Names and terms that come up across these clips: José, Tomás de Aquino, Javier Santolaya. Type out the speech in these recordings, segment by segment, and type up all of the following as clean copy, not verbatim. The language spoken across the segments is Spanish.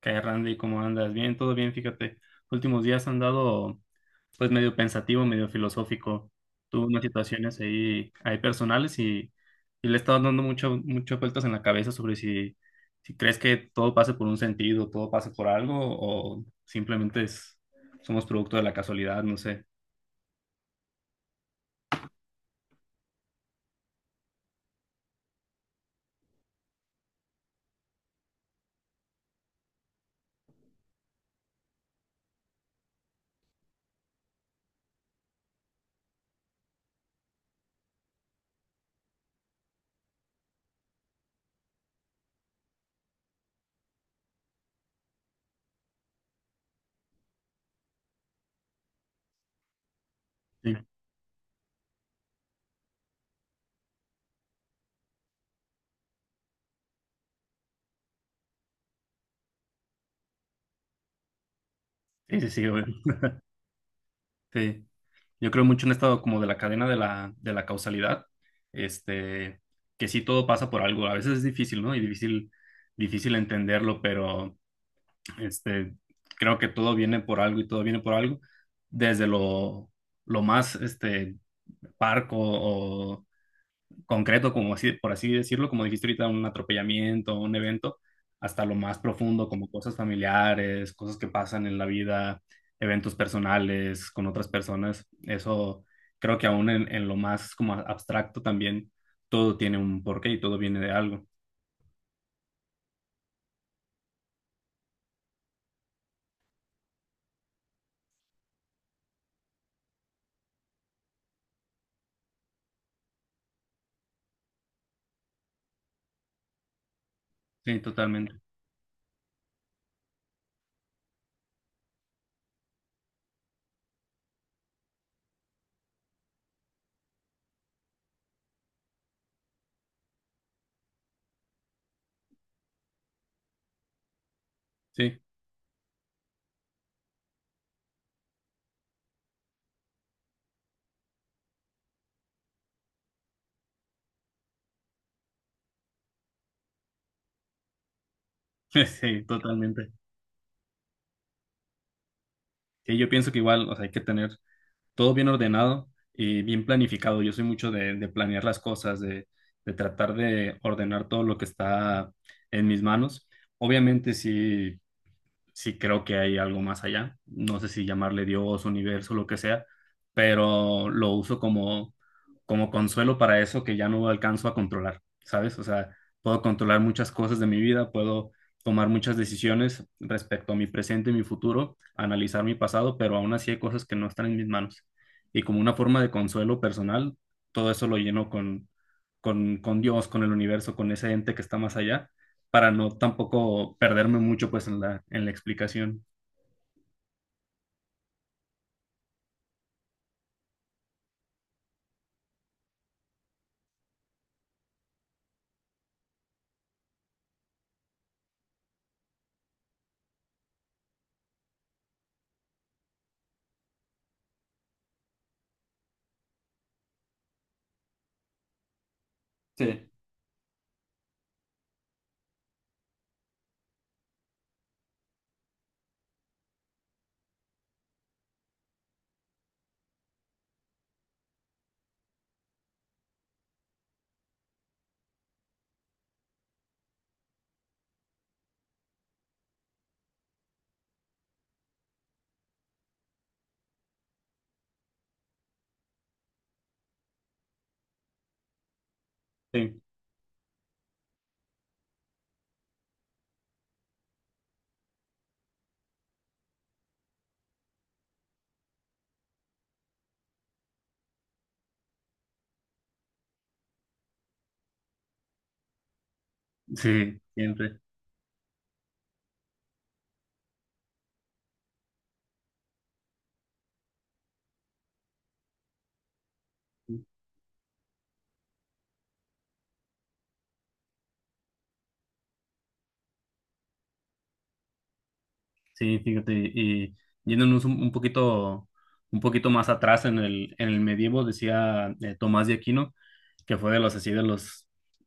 ¿Qué hay, Randy? ¿Cómo andas? Bien, todo bien, fíjate. Últimos días han dado, pues, medio pensativo, medio filosófico. Tuve unas situaciones ahí personales y le he estado dando mucho, muchas vueltas en la cabeza sobre si crees que todo pasa por un sentido, todo pasa por algo o simplemente somos producto de la casualidad, no sé. Sí, sí, sí, sí, güey. Sí. Yo creo mucho en esto como de la cadena de la causalidad, este, que sí todo pasa por algo. A veces es difícil, ¿no? Y difícil entenderlo, pero este, creo que todo viene por algo y todo viene por algo, desde lo más parco o concreto, como así, por así decirlo, como dijiste ahorita, un atropellamiento, un evento, hasta lo más profundo, como cosas familiares, cosas que pasan en la vida, eventos personales con otras personas. Eso creo que aún en lo más como abstracto también, todo tiene un porqué y todo viene de algo. Sí, totalmente. Sí, sí, totalmente. Sí, yo pienso que igual, o sea, hay que tener todo bien ordenado y bien planificado. Yo soy mucho de planear las cosas, de tratar de ordenar todo lo que está en mis manos. Obviamente, si sí creo que hay algo más allá. No sé si llamarle Dios, universo, lo que sea, pero lo uso como consuelo para eso que ya no alcanzo a controlar, ¿sabes? O sea, puedo controlar muchas cosas de mi vida, puedo tomar muchas decisiones respecto a mi presente y mi futuro, analizar mi pasado, pero aún así hay cosas que no están en mis manos. Y como una forma de consuelo personal, todo eso lo lleno con Dios, con el universo, con ese ente que está más allá para no tampoco perderme mucho pues en la explicación. Sí. Sí, sí, siempre. Sí, fíjate, y yéndonos un poquito más atrás en el medievo, decía Tomás de Aquino, que fue de los así de los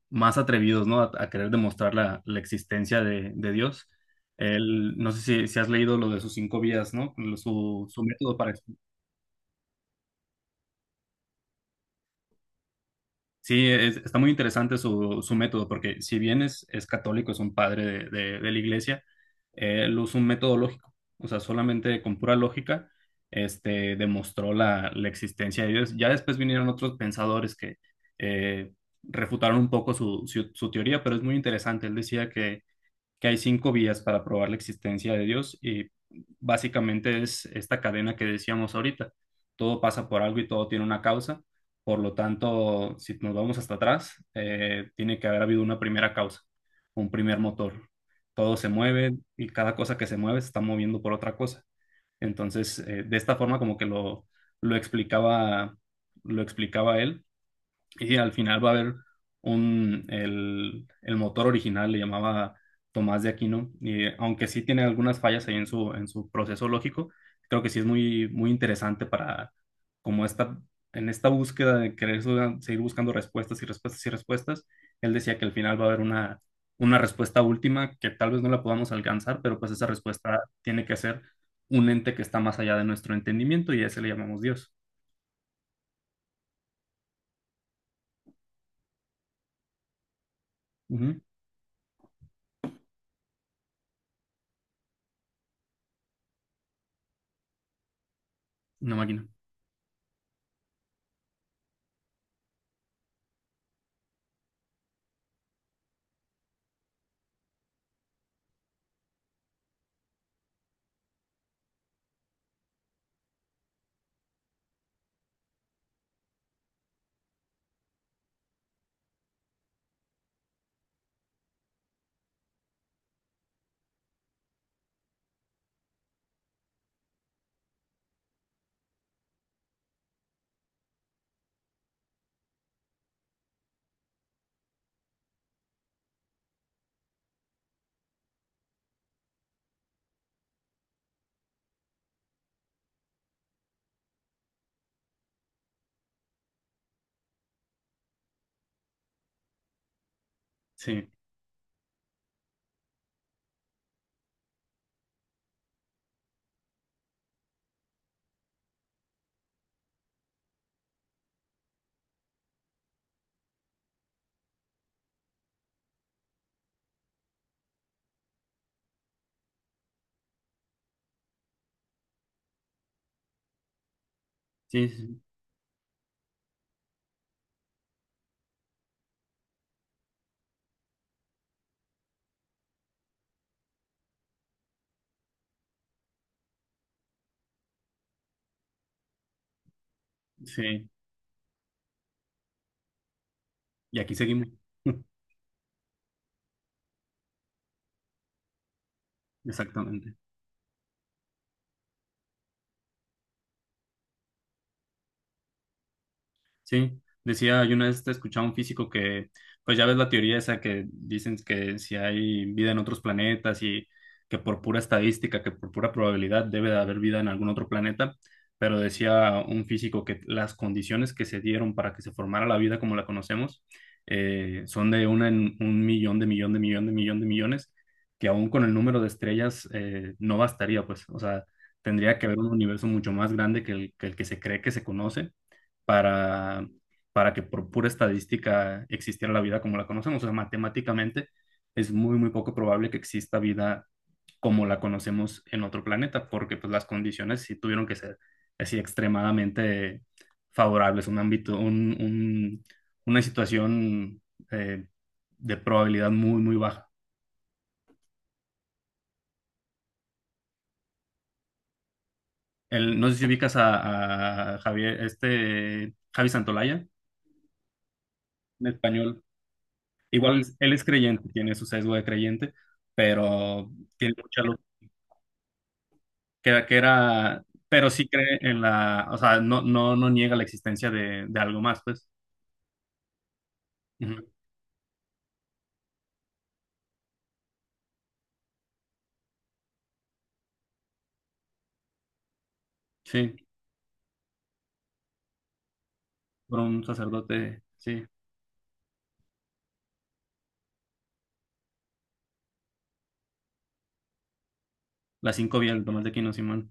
más atrevidos, ¿no? A querer demostrar la existencia de Dios. Él, no sé si has leído lo de sus cinco vías, ¿no? Su método para. Sí, está muy interesante su método, porque si bien es católico, es un padre de la iglesia, él usa un método lógico, o sea, solamente con pura lógica, demostró la existencia de Dios. Ya después vinieron otros pensadores que eh, refutaron un poco su teoría, pero es muy interesante. Él decía que hay cinco vías para probar la existencia de Dios y básicamente es esta cadena que decíamos ahorita. Todo pasa por algo y todo tiene una causa. Por lo tanto, si nos vamos hasta atrás, tiene que haber habido una primera causa, un primer motor. Todo se mueve y cada cosa que se mueve se está moviendo por otra cosa. Entonces, de esta forma como que lo explicaba, lo explicaba él y al final va a haber el motor original le llamaba Tomás de Aquino, y aunque sí tiene algunas fallas ahí en su proceso lógico, creo que sí es muy, muy interesante para, como esta, en esta búsqueda de querer seguir buscando respuestas y respuestas y respuestas, él decía que al final va a haber una respuesta última que tal vez no la podamos alcanzar, pero pues esa respuesta tiene que ser un ente que está más allá de nuestro entendimiento y a ese le llamamos Dios. Ujú. Una máquina. Sí, sí, sí. Sí, y aquí seguimos. Exactamente. Sí, decía, yo una vez te escuchaba un físico que, pues ya ves la teoría esa que dicen que si hay vida en otros planetas y que por pura estadística, que por pura probabilidad debe de haber vida en algún otro planeta, pero decía un físico que las condiciones que se dieron para que se formara la vida como la conocemos son de una en un millón de millón de millón de millón de millones, que aún con el número de estrellas no bastaría, pues, o sea, tendría que haber un universo mucho más grande que el que se cree que se conoce para, para que por pura estadística existiera la vida como la conocemos. O sea, matemáticamente es muy, muy poco probable que exista vida como la conocemos en otro planeta, porque pues las condiciones sí tuvieron que ser así extremadamente favorables, un ámbito, una situación eh, de probabilidad muy, muy baja. No sé si ubicas a Javier, este Javi Santolaya, un español. Igual él es creyente, tiene su sesgo de creyente, pero tiene mucha luz, que era, pero sí cree en la, o sea, no niega la existencia de algo más, pues. Ujú. Sí, por un sacerdote, sí. Las cinco vías, de Tomás de Aquino, Simón.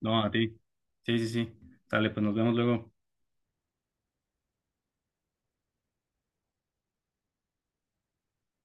No, a ti. Sí, sí, sí. Dale, pues nos vemos luego.